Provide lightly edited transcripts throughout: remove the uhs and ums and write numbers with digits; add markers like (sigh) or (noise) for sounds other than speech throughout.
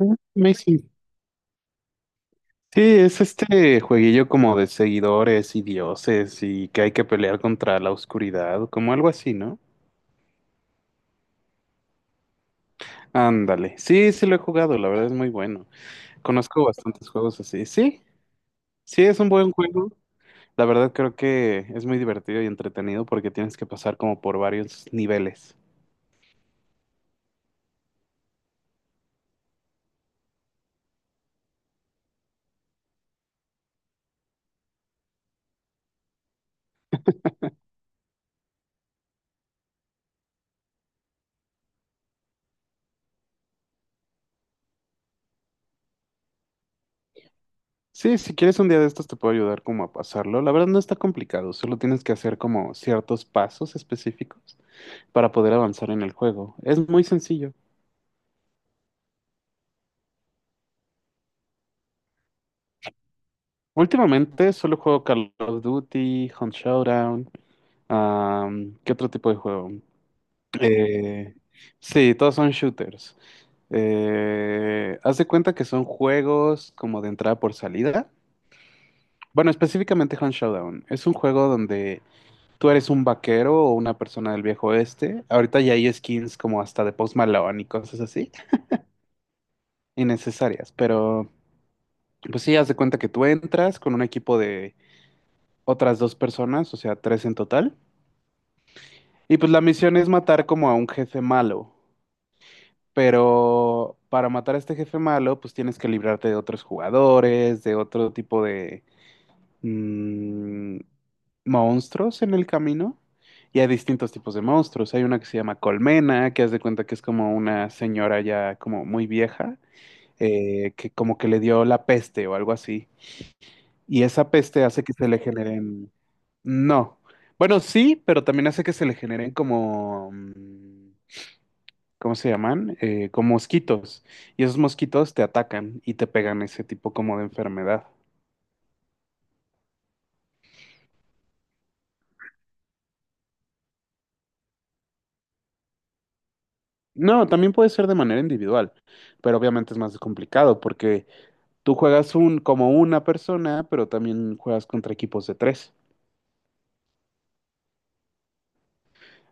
Ah, amazing. Sí, es este jueguillo como de seguidores y dioses y que hay que pelear contra la oscuridad, como algo así, ¿no? Ándale. Sí, sí lo he jugado, la verdad es muy bueno. Conozco bastantes juegos así. Sí, sí es un buen juego. La verdad creo que es muy divertido y entretenido porque tienes que pasar como por varios niveles. Sí, si quieres un día de estos te puedo ayudar como a pasarlo. La verdad no está complicado, solo tienes que hacer como ciertos pasos específicos para poder avanzar en el juego. Es muy sencillo. Últimamente solo juego Call of Duty, Hunt Showdown, ¿qué otro tipo de juego? Eh, sí, todos son shooters. Haz de cuenta que son juegos como de entrada por salida. Bueno, específicamente Hunt Showdown. Es un juego donde tú eres un vaquero o una persona del viejo oeste. Ahorita ya hay skins como hasta de Post Malone y cosas así, innecesarias. Pero pues sí, haz de cuenta que tú entras con un equipo de otras dos personas, o sea, tres en total. Y pues la misión es matar como a un jefe malo, pero para matar a este jefe malo, pues tienes que librarte de otros jugadores, de otro tipo de mm, monstruos en el camino. Y hay distintos tipos de monstruos. Hay una que se llama Colmena, que haz de cuenta que es como una señora ya como muy vieja, que como que le dio la peste o algo así. Y esa peste hace que se le generen... No. Bueno, sí, pero también hace que se le generen como... ¿cómo se llaman? Con mosquitos. Y esos mosquitos te atacan y te pegan ese tipo como de enfermedad. No, también puede ser de manera individual, pero obviamente es más complicado porque tú juegas un, como una persona, pero también juegas contra equipos de tres.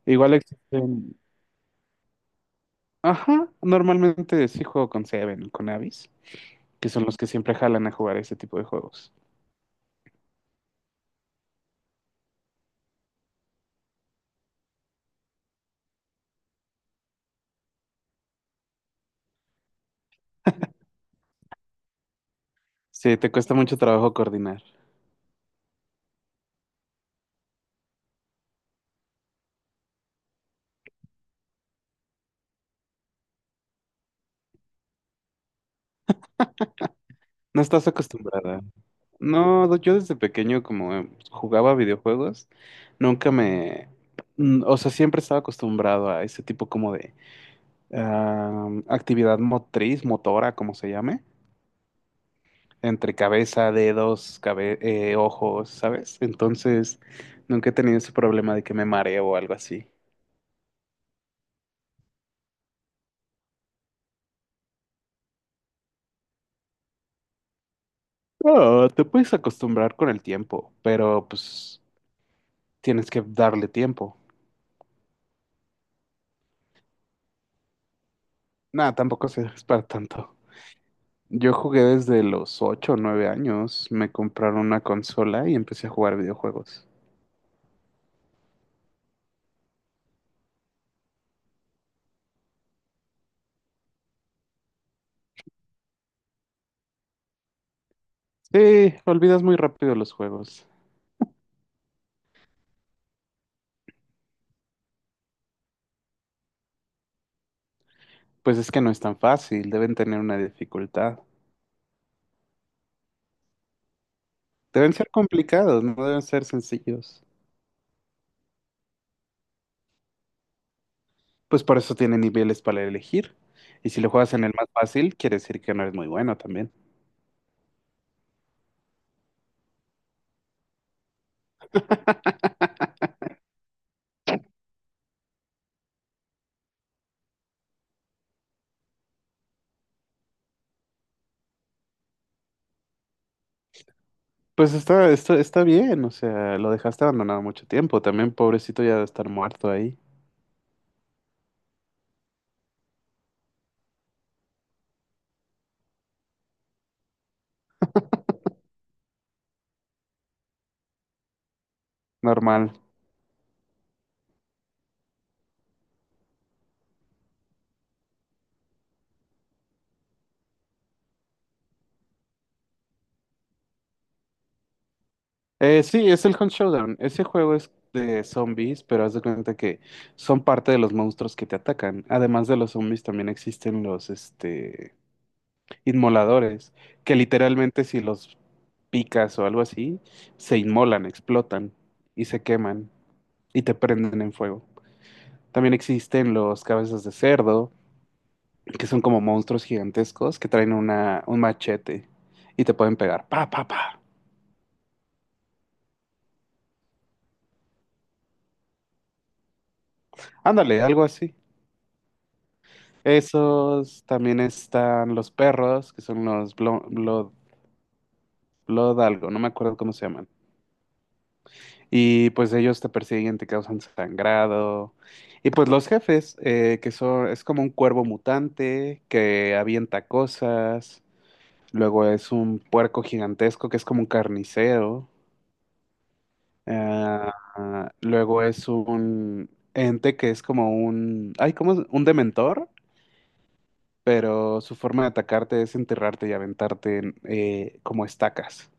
Igual existen... Ajá, normalmente sí juego con Seven o con Avis, que son los que siempre jalan a jugar ese tipo de juegos. Sí, te cuesta mucho trabajo coordinar. No estás acostumbrada. No, yo desde pequeño como jugaba videojuegos, nunca me, o sea, siempre estaba acostumbrado a ese tipo como de actividad motriz, motora, como se llame, entre cabeza, dedos, ojos, ¿sabes? Entonces, nunca he tenido ese problema de que me mareo o algo así. No, te puedes acostumbrar con el tiempo, pero pues tienes que darle tiempo. Nada, tampoco se es para tanto. Yo jugué desde los ocho o 9 años. Me compraron una consola y empecé a jugar videojuegos. Sí, olvidas muy rápido los juegos. Pues es que no es tan fácil, deben tener una dificultad. Deben ser complicados, no deben ser sencillos. Pues por eso tienen niveles para elegir. Y si lo juegas en el más fácil, quiere decir que no eres muy bueno también. Pues está, esto está bien, o sea, lo dejaste abandonado mucho tiempo. También pobrecito ya de estar muerto ahí. Normal. Sí, es el Hunt Showdown. Ese juego es de zombies, pero haz de cuenta que son parte de los monstruos que te atacan. Además de los zombies, también existen los, este, inmoladores, que literalmente si los picas o algo así, se inmolan, explotan y se queman y te prenden en fuego. También existen los cabezas de cerdo, que son como monstruos gigantescos que traen una, un machete y te pueden pegar. Pa, pa, pa. Ándale, algo así. Esos también están los perros, que son los blood, algo, no me acuerdo cómo se llaman. Y pues ellos te persiguen, te causan sangrado. Y pues los jefes, que son, es como un cuervo mutante que avienta cosas. Luego es un puerco gigantesco que es como un carnicero. Luego es un ente que es como un, ay, ¿cómo es? Un dementor, pero su forma de atacarte es enterrarte y aventarte en, como estacas.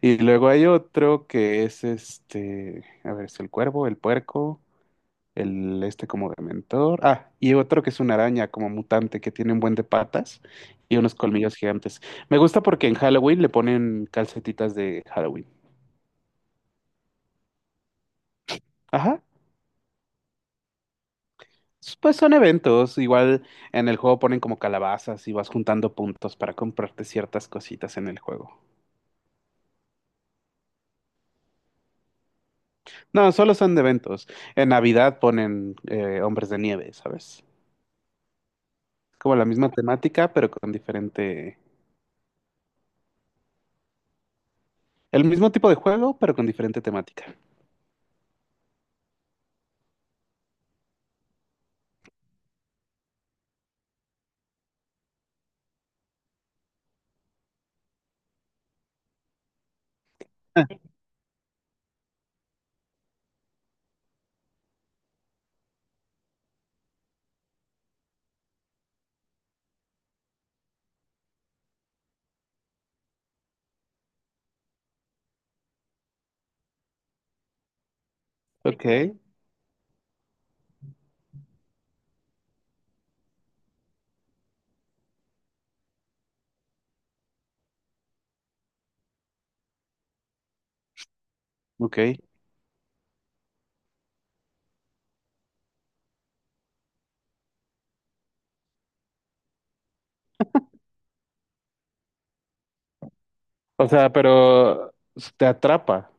Y luego hay otro que es este, a ver, es el cuervo, el puerco, el este como de... Ah, y otro que es una araña como mutante que tiene un buen de patas y unos colmillos gigantes. Me gusta porque en Halloween le ponen calcetitas de Halloween. Ajá. Pues son eventos, igual en el juego ponen como calabazas y vas juntando puntos para comprarte ciertas cositas en el juego. No, solo son de eventos. En Navidad ponen Hombres de Nieve, ¿sabes? Como la misma temática, pero con diferente... El mismo tipo de juego, pero con diferente temática. (laughs) Ok, ok. O sea, pero te atrapa.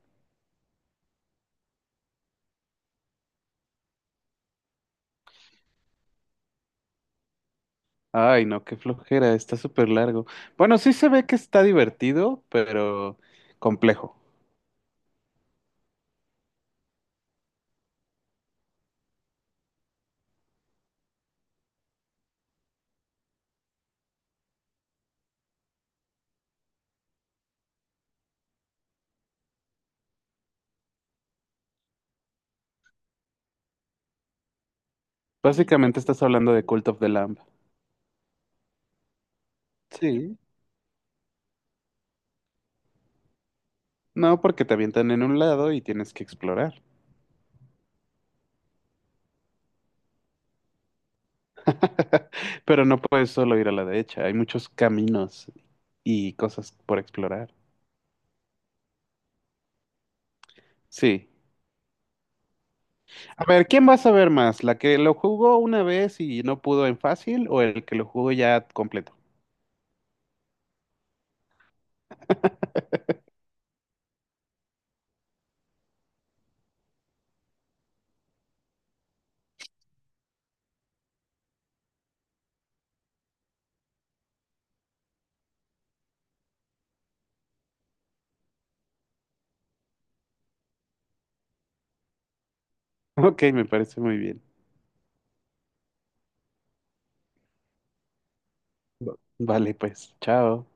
Ay, no, qué flojera, está súper largo. Bueno, sí se ve que está divertido, pero complejo. Básicamente estás hablando de Cult of the Lamb. Sí. No, porque te avientan en un lado y tienes que explorar. (laughs) Pero no puedes solo ir a la derecha, hay muchos caminos y cosas por explorar. Sí. A ver, ¿quién vas a ver más? ¿La que lo jugó una vez y no pudo en fácil o el que lo jugó ya completo? (laughs) Ok, me parece muy bien. Vale, pues, chao.